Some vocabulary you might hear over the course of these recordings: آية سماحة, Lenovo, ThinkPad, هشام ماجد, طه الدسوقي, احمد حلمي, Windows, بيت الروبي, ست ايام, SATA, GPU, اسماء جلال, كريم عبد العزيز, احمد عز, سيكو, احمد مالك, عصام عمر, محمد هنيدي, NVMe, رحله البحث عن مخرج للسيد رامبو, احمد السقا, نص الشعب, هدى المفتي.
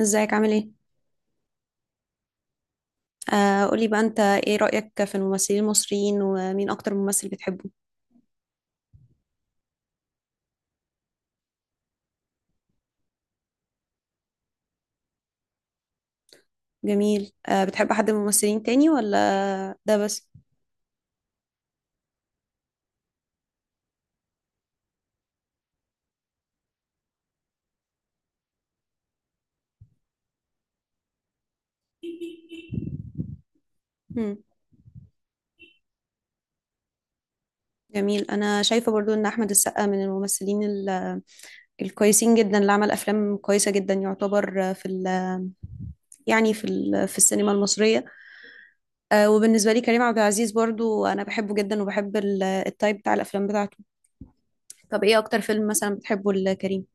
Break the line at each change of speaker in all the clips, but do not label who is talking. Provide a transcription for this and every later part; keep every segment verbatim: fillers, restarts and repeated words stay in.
ازيك عامل ايه؟ آه قولي بقى انت ايه رأيك في الممثلين المصريين ومين اكتر ممثل بتحبه؟ جميل. آه بتحب حد من الممثلين تاني ولا ده بس؟ مم. جميل، انا شايفة برضو ان احمد السقا من الممثلين ال- الكويسين جدا اللي عمل افلام كويسة جدا، يعتبر آه، في ال يعني في ال في السينما المصرية. آه، وبالنسبة لي كريم عبد العزيز برضو انا بحبه جدا، وبحب ال- التايب بتاع الافلام بتاعته. طب ايه اكتر فيلم مثلا بتحبه لكريم؟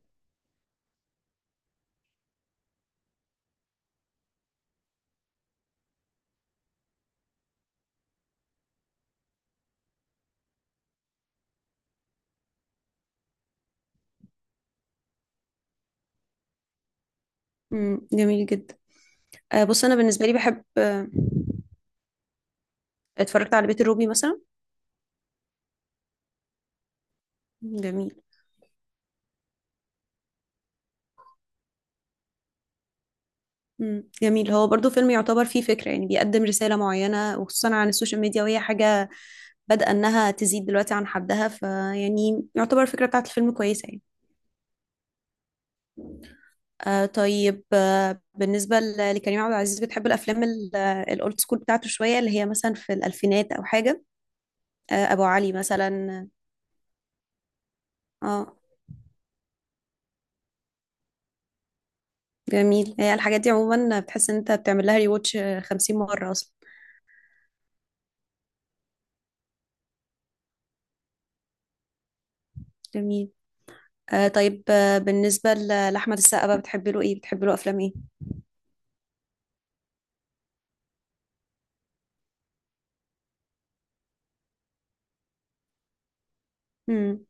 مم. جميل جدا. آه بص، انا بالنسبة لي بحب. آه اتفرجت على بيت الروبي مثلا. جميل. مم. جميل، هو برضو فيلم يعتبر فيه فكرة، يعني بيقدم رسالة معينة وخصوصا عن السوشيال ميديا، وهي حاجة بدأ إنها تزيد دلوقتي عن حدها، فيعني يعتبر الفكرة بتاعت الفيلم كويسة يعني. آه طيب، آه بالنسبة ل- لكريم عبد العزيز، بتحب الأفلام ال- آه، الأولد سكول بتاعته شوية، اللي هي مثلا في الألفينات أو حاجة. آه أبو علي مثلا. اه جميل. هي الحاجات دي عموما بتحس إن أنت بتعمل لها ريواتش خمسين مرة أصلا. جميل. آه طيب، آه بالنسبة ل- لأحمد السقا بقى، بتحبي له إيه، بتحبي له أفلام إيه. مم.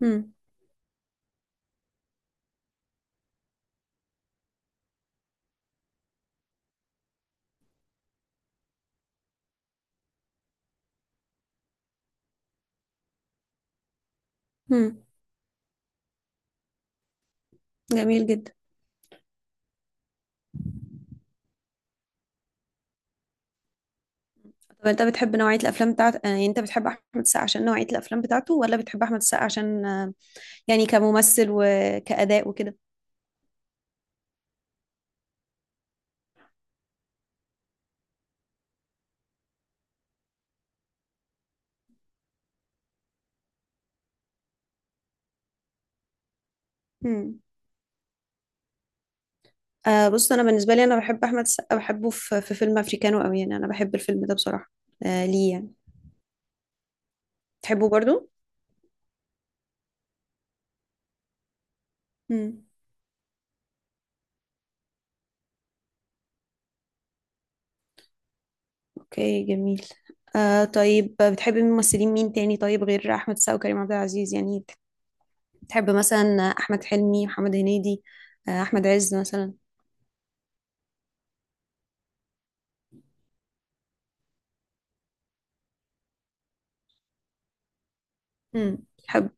مم. مم. جميل جدا. طب أنت بتحب نوعية الأفلام بتاعت آه يعني، أنت بتحب أحمد السقا عشان نوعية الأفلام بتاعته، ولا بتحب أحمد السقا عشان آه، يعني كممثل وكأداء وكده. مم. آه بص، أنا بالنسبة لي أنا بحب أحمد السقا، بحبه في، في فيلم أفريكانو أوي، يعني أنا بحب الفيلم ده بصراحة. آه ليه يعني، تحبه برضو. مم. أوكي، جميل. آه طيب، بتحبي ممثلين مين تاني طيب غير أحمد السقا وكريم عبد العزيز؟ يعني تحب مثلا احمد حلمي، محمد هنيدي، آه، احمد عز مثلا. امم. تحب،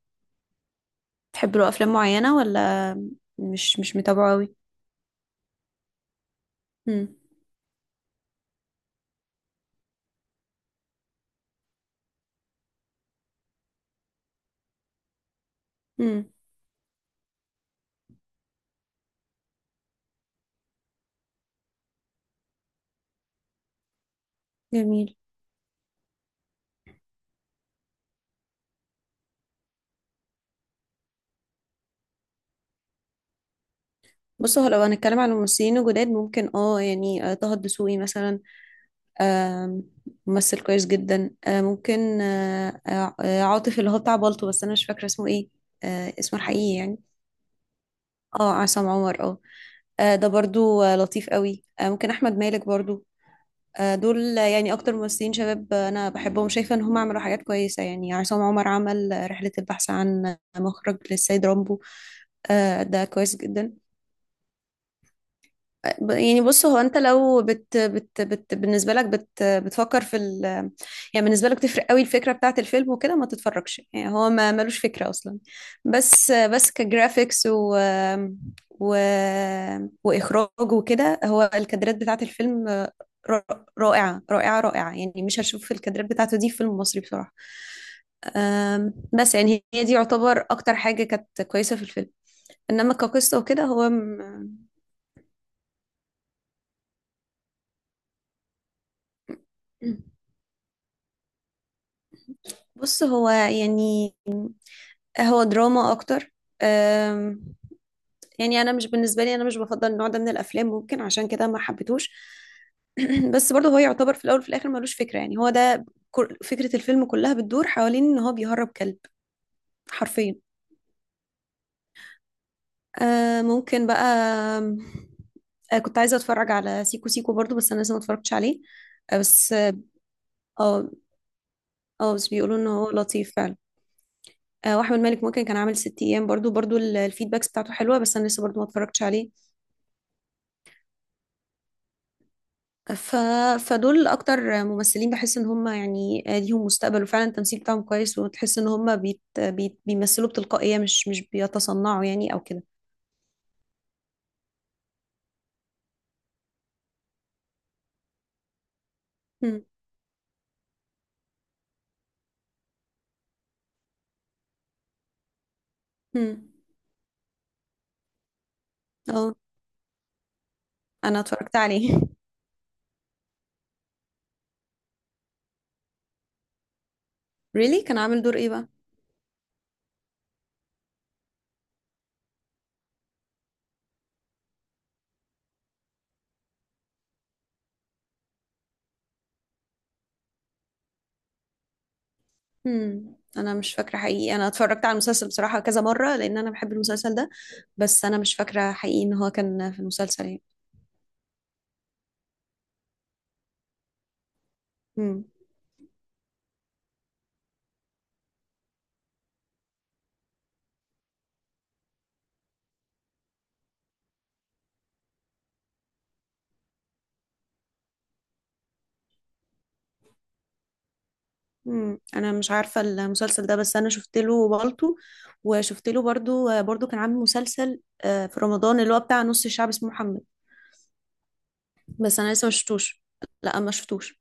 تحب له افلام معينه ولا مش مش متابعه قوي. امم. امم. جميل. بص، هو لو هنتكلم عن الممثلين الجداد، ممكن اه يعني آه، طه الدسوقي مثلا. آم، ممثل كويس جدا. آه، ممكن آه، آه، آه، عاطف اللي هو بتاع بالطو، بس انا مش فاكره اسمه ايه، آه، اسمه الحقيقي يعني. اه عصام عمر، اه. آه، ده برضو آه، لطيف قوي. آه، ممكن احمد مالك برضو. آه، دول يعني اكتر ممثلين شباب انا بحبهم، شايفه ان هم عملوا حاجات كويسه. يعني عصام عمر عمل رحله البحث عن مخرج للسيد رامبو، آه، ده كويس جدا. ب- يعني بص، هو انت لو بت بت بت بالنسبه لك بت بتفكر في ال يعني، بالنسبه لك تفرق قوي الفكره بتاعه الفيلم وكده ما تتفرجش، يعني هو ما ملوش فكره اصلا، بس بس كجرافيكس و و واخراج وكده، هو الكادرات بتاعه الفيلم ر- رائعه رائعه رائعه، يعني مش هشوف الكادرات بتاعته دي في فيلم مصري بصراحه. أم، بس يعني هي دي يعتبر اكتر حاجه كانت كويسه في الفيلم. انما كقصه وكده هو م- بص هو يعني هو دراما اكتر. أم، يعني انا مش، بالنسبه لي انا مش بفضل النوع ده من الافلام، ممكن عشان كده ما حبيتهوش. بس برضه هو يعتبر في الاول وفي الاخر ملوش فكره، يعني هو ده كل- فكره الفيلم كلها بتدور حوالين ان هو بيهرب كلب، حرفيا. أه، ممكن بقى أم، أه، كنت عايزه اتفرج على سيكو سيكو برضه، بس انا لسه ما اتفرجتش عليه. أه، بس اه، اه بس بيقولوا ان هو لطيف فعلا. أه، واحمد مالك ممكن كان عامل ست ايام برضه، برضه ال- الفيدباكس بتاعته حلوه، بس انا لسه برضه ما اتفرجتش عليه. ف... فدول اكتر ممثلين بحس ان هم يعني ليهم مستقبل، وفعلا التمثيل بتاعهم كويس، وتحس ان هم بيت... بيت... بيمثلوا بتلقائية، مش مش بيتصنعوا يعني او كده. هم هم اه انا اتفرجت عليه really كان عامل دور ايه بقى. هم انا مش فاكره حقيقي، انا اتفرجت على المسلسل بصراحه كذا مره لان انا بحب المسلسل ده، بس انا مش فاكره حقيقي ان هو كان في المسلسل يعني. مم. انا مش عارفه المسلسل ده، بس انا شفت له بالطو، وشفت له برضو برضو كان عامل مسلسل آه، في رمضان اللي هو بتاع نص الشعب اسمه محمد، بس انا لسه ما شفتوش، لا ما شفتوش.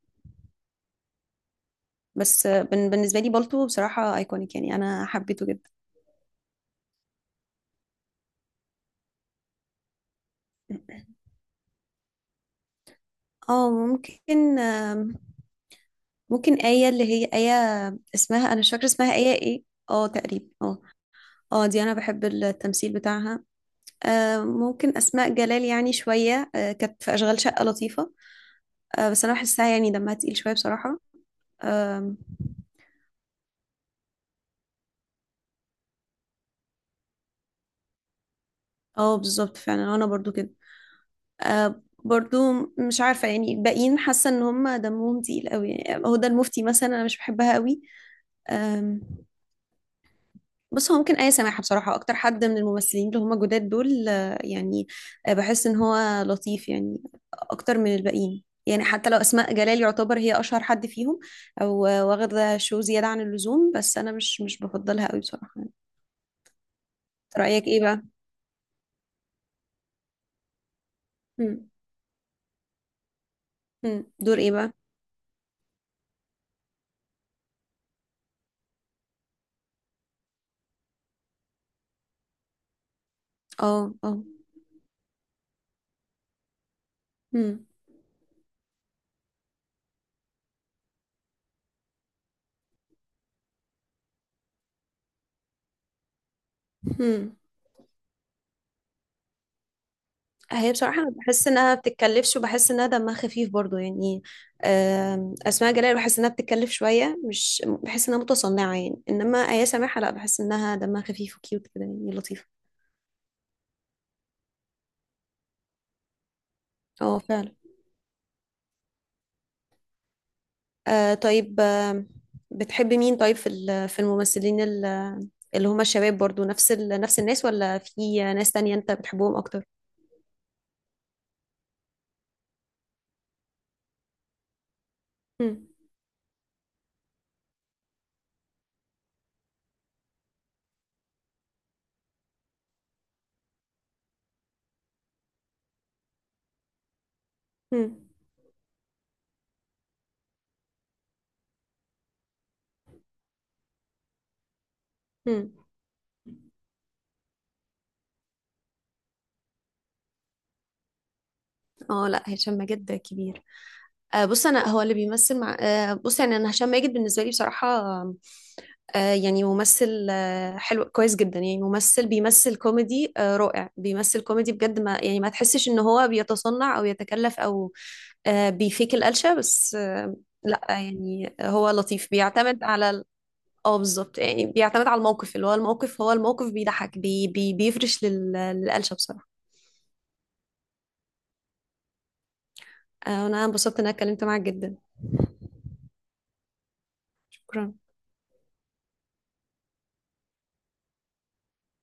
بس آه، بن- بالنسبه لي بالطو بصراحه ايكونيك، يعني انا حبيته جدا. اه ممكن آم، ممكن آية، اللي هي آية اسمها، انا مش فاكره اسمها آية ايه. اه تقريبا اه. اه دي انا بحب التمثيل بتاعها. آه، ممكن اسماء جلال يعني شويه، آه، كانت في اشغال شقه لطيفه. آه بس انا بحسها يعني دمها تقيل شويه بصراحه. آم، اه بالظبط، فعلا انا برضو كده. آه برضو، مش عارفه يعني الباقيين، حاسه ان هم دمهم تقيل قوي، يعني هدى المفتي مثلا انا مش بحبها قوي. آم، بس هو ممكن آية سماحة بصراحة أكتر حد من الممثلين اللي هم جداد دول، آه، يعني آه، بحس إن هو لطيف يعني، أكتر من الباقيين. يعني حتى لو أسماء جلال يعتبر هي أشهر حد فيهم، أو آه، واخدة شو زيادة عن اللزوم، بس أنا مش مش بفضلها قوي بصراحة. رأيك إيه بقى؟ مم. دور ايه بقى. اه اه. مم. مم. هي بصراحة أنا بحس إنها بتتكلفش، وبحس إنها دمها خفيف برضو يعني. آم، أسماء جلال بحس إنها بتتكلف شوية، مش بحس إنها متصنعة يعني، إنما آية سماحة لا، بحس إنها دمها خفيف وكيوت كده، يعني لطيفة. اه فعلا. آه طيب آم، بتحبي مين طيب في ال- في الممثلين ال- اللي هما الشباب، برضو نفس ال... نفس الناس، ولا في ناس تانية أنت بتحبهم أكتر؟ مم. مم. مم. اه لا، هشام ماجد كبير. آه، بص انا هو اللي بيمثل مع آه، بص يعني انا هشام ماجد بالنسبه لي بصراحه آه، يعني ممثل آه، حلو كويس جدا، يعني ممثل بيمثل كوميدي آه، رائع، بيمثل كوميدي بجد، ما يعني ما تحسش ان هو بيتصنع او يتكلف او آه، بيفيك القلشه، بس آه، لا يعني هو لطيف، بيعتمد على ال- اه بالظبط، يعني بيعتمد على الموقف، اللي هو الموقف، هو الموقف بيضحك، بي بي بيفرش لل- للقلشه بصراحه. آه، انا انبسطت ان انا اتكلمت معاك جدا. شكرا.